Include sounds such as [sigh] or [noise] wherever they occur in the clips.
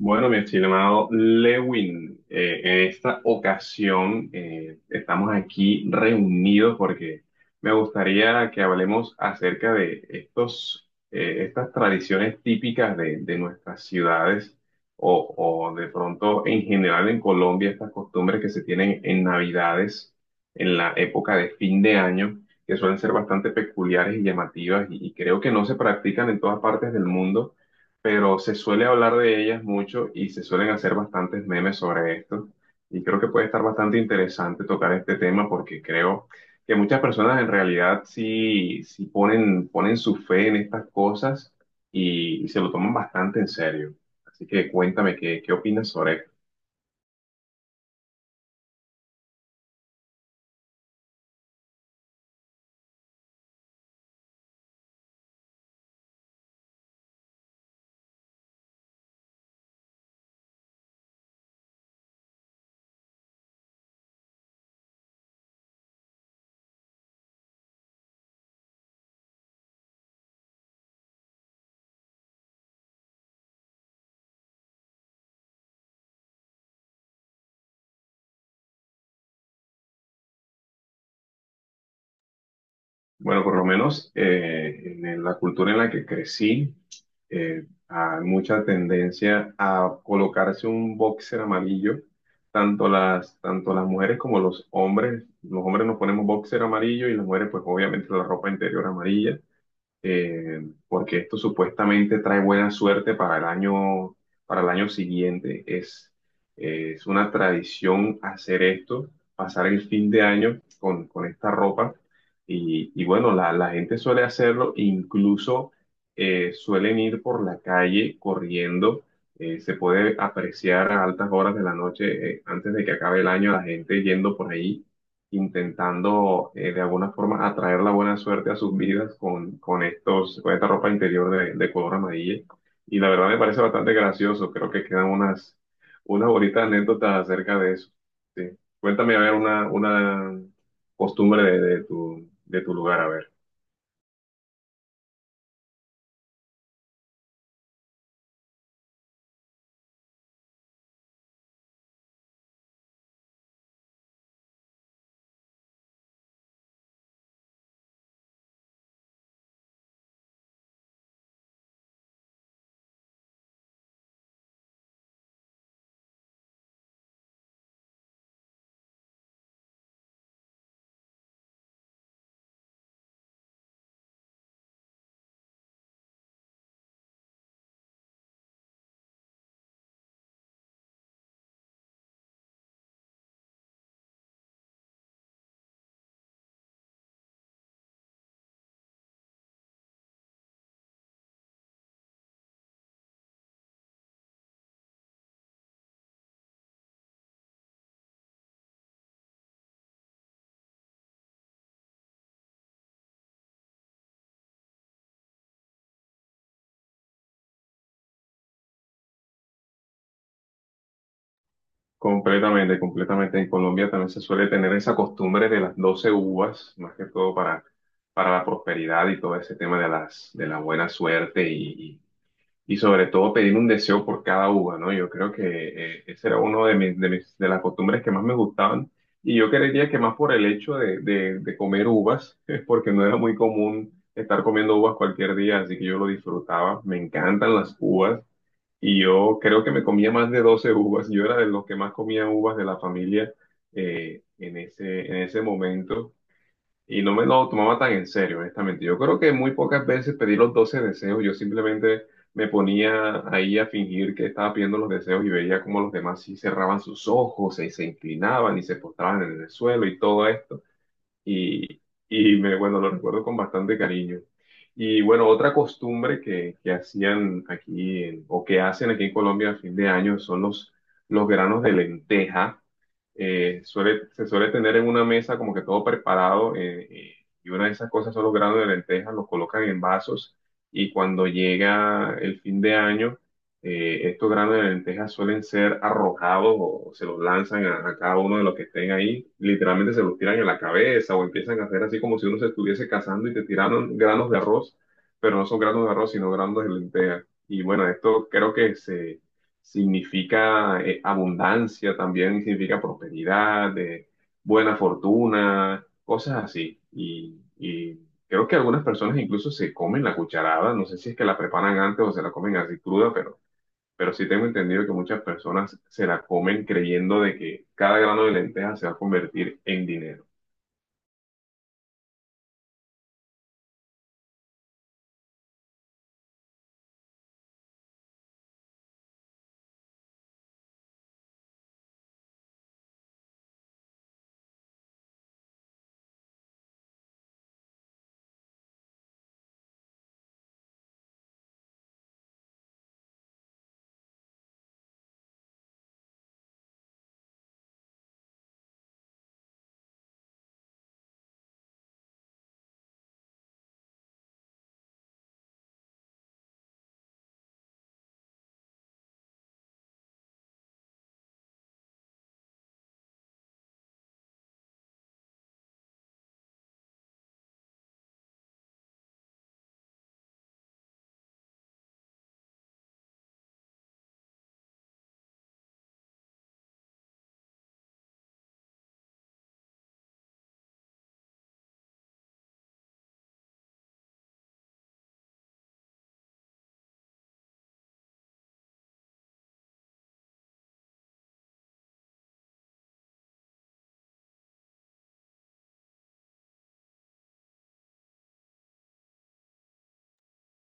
Bueno, mi estimado Lewin, en esta ocasión estamos aquí reunidos porque me gustaría que hablemos acerca de estas tradiciones típicas de nuestras ciudades o de pronto en general en Colombia, estas costumbres que se tienen en Navidades, en la época de fin de año, que suelen ser bastante peculiares y llamativas y creo que no se practican en todas partes del mundo, pero se suele hablar de ellas mucho y se suelen hacer bastantes memes sobre esto. Y creo que puede estar bastante interesante tocar este tema, porque creo que muchas personas en realidad sí ponen su fe en estas cosas y se lo toman bastante en serio. Así que cuéntame, ¿qué opinas sobre esto? Bueno, por lo menos en la cultura en la que crecí, hay mucha tendencia a colocarse un boxer amarillo. Tanto las mujeres como los hombres nos ponemos boxer amarillo y las mujeres pues obviamente la ropa interior amarilla, eh, porque esto supuestamente trae buena suerte para el año siguiente. Es una tradición hacer esto, pasar el fin de año con esta ropa. Y bueno, la gente suele hacerlo, incluso suelen ir por la calle corriendo. Se puede apreciar a altas horas de la noche, antes de que acabe el año, la gente yendo por ahí intentando de alguna forma atraer la buena suerte a sus vidas con esta ropa interior de color amarilla. Y la verdad me parece bastante gracioso, creo que quedan unas bonitas anécdotas acerca de eso. Sí. Cuéntame a ver una costumbre de tu lugar, a ver. Completamente. En Colombia también se suele tener esa costumbre de las 12 uvas, más que todo para la prosperidad y todo ese tema de de la buena suerte y sobre todo pedir un deseo por cada uva, ¿no? Yo creo que ese era uno de de las costumbres que más me gustaban. Y yo creería que más por el hecho de comer uvas, [laughs] es porque no era muy común estar comiendo uvas cualquier día, así que yo lo disfrutaba. Me encantan las uvas y yo creo que me comía más de 12 uvas. Yo era de los que más comía uvas de la familia, en ese momento. Y no me lo tomaba tan en serio, honestamente. Yo creo que muy pocas veces pedí los 12 deseos. Yo simplemente me ponía ahí a fingir que estaba pidiendo los deseos y veía cómo los demás sí cerraban sus ojos y se inclinaban y se postraban en el suelo y todo esto. Y, bueno, lo recuerdo con bastante cariño. Y bueno, otra costumbre que hacían aquí en- o que hacen aquí en Colombia a fin de año son los granos de lenteja, se suele tener en una mesa como que todo preparado, y una de esas cosas son los granos de lentejas, los colocan en vasos, y cuando llega el fin de año, estos granos de lentejas suelen ser arrojados o se los lanzan a cada uno de los que estén ahí, literalmente se los tiran en la cabeza o empiezan a hacer así como si uno se estuviese cazando y te tiraron granos de arroz, pero no son granos de arroz, sino granos de lentejas. Y bueno, esto creo que se significa abundancia también, significa prosperidad, buena fortuna, cosas así. Y creo que algunas personas incluso se comen la cucharada, no sé si es que la preparan antes o se la comen así cruda, pero sí tengo entendido que muchas personas se la comen creyendo de que cada grano de lenteja se va a convertir en dinero.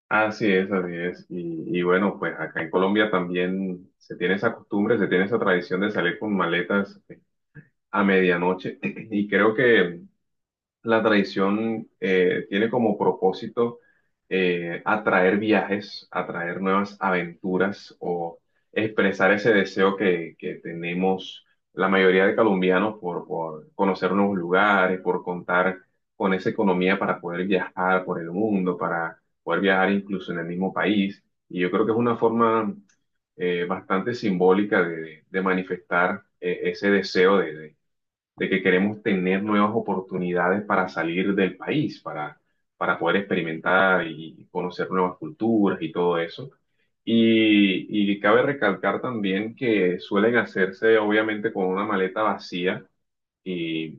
Así es, así es. Y bueno, pues acá en Colombia también se tiene esa costumbre, se tiene esa tradición de salir con maletas a medianoche [clears throat] y creo que la tradición tiene como propósito atraer viajes, atraer nuevas aventuras o expresar ese deseo que tenemos la mayoría de colombianos por conocer nuevos lugares, por contar con esa economía para poder viajar por el mundo, para poder viajar incluso en el mismo país. Y yo creo que es una forma bastante simbólica de manifestar ese deseo de de que queremos tener nuevas oportunidades para salir del país, para poder experimentar y conocer nuevas culturas y todo eso. Y cabe recalcar también que suelen hacerse obviamente con una maleta vacía, y,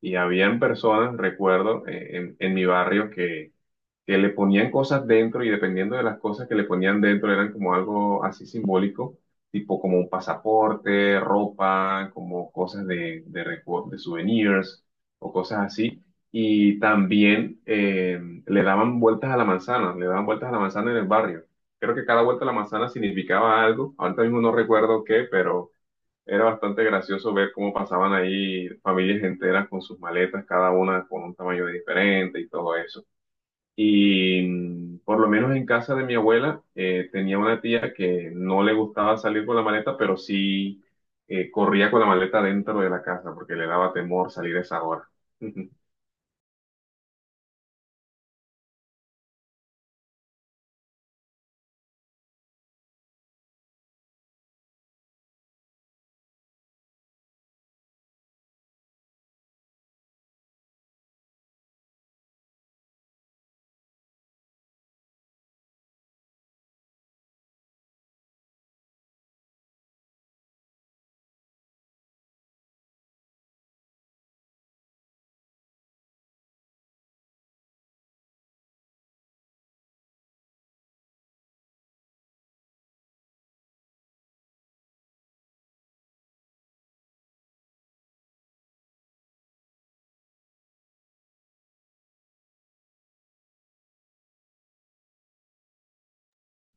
y habían personas, recuerdo, en mi barrio que le ponían cosas dentro, y dependiendo de las cosas que le ponían dentro eran como algo así simbólico, tipo como un pasaporte, ropa, como cosas recu- de souvenirs o cosas así. Y también le daban vueltas a la manzana, le daban vueltas a la manzana en el barrio. Creo que cada vuelta a la manzana significaba algo, ahorita mismo no recuerdo qué, pero era bastante gracioso ver cómo pasaban ahí familias enteras con sus maletas, cada una con un tamaño diferente y todo eso. Y por lo menos en casa de mi abuela tenía una tía que no le gustaba salir con la maleta, pero sí corría con la maleta dentro de la casa porque le daba temor salir a esa hora. [laughs]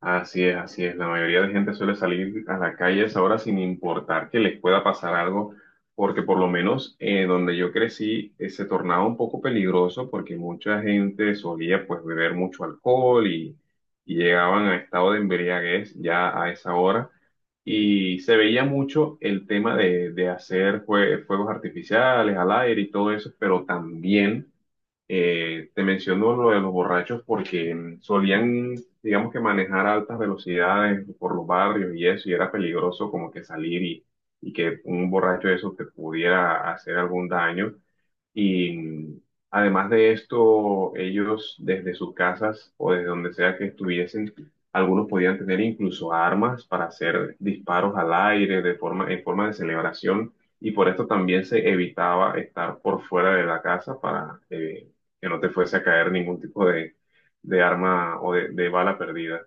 Así es, así es. La mayoría de gente suele salir a la calle a esa hora sin importar que les pueda pasar algo, porque por lo menos donde yo crecí se tornaba un poco peligroso porque mucha gente solía pues beber mucho alcohol y llegaban a estado de embriaguez ya a esa hora. Y se veía mucho el tema de hacer jue- fuegos artificiales al aire y todo eso, pero también te menciono lo de los borrachos porque digamos que manejar a altas velocidades por los barrios y eso, y era peligroso como que salir y que un borracho de esos te pudiera hacer algún daño. Y además de esto, ellos desde sus casas o desde donde sea que estuviesen, algunos podían tener incluso armas para hacer disparos al aire de forma, en forma de celebración. Y por esto también se evitaba estar por fuera de la casa para que no te fuese a caer ningún tipo de arma o de bala perdida.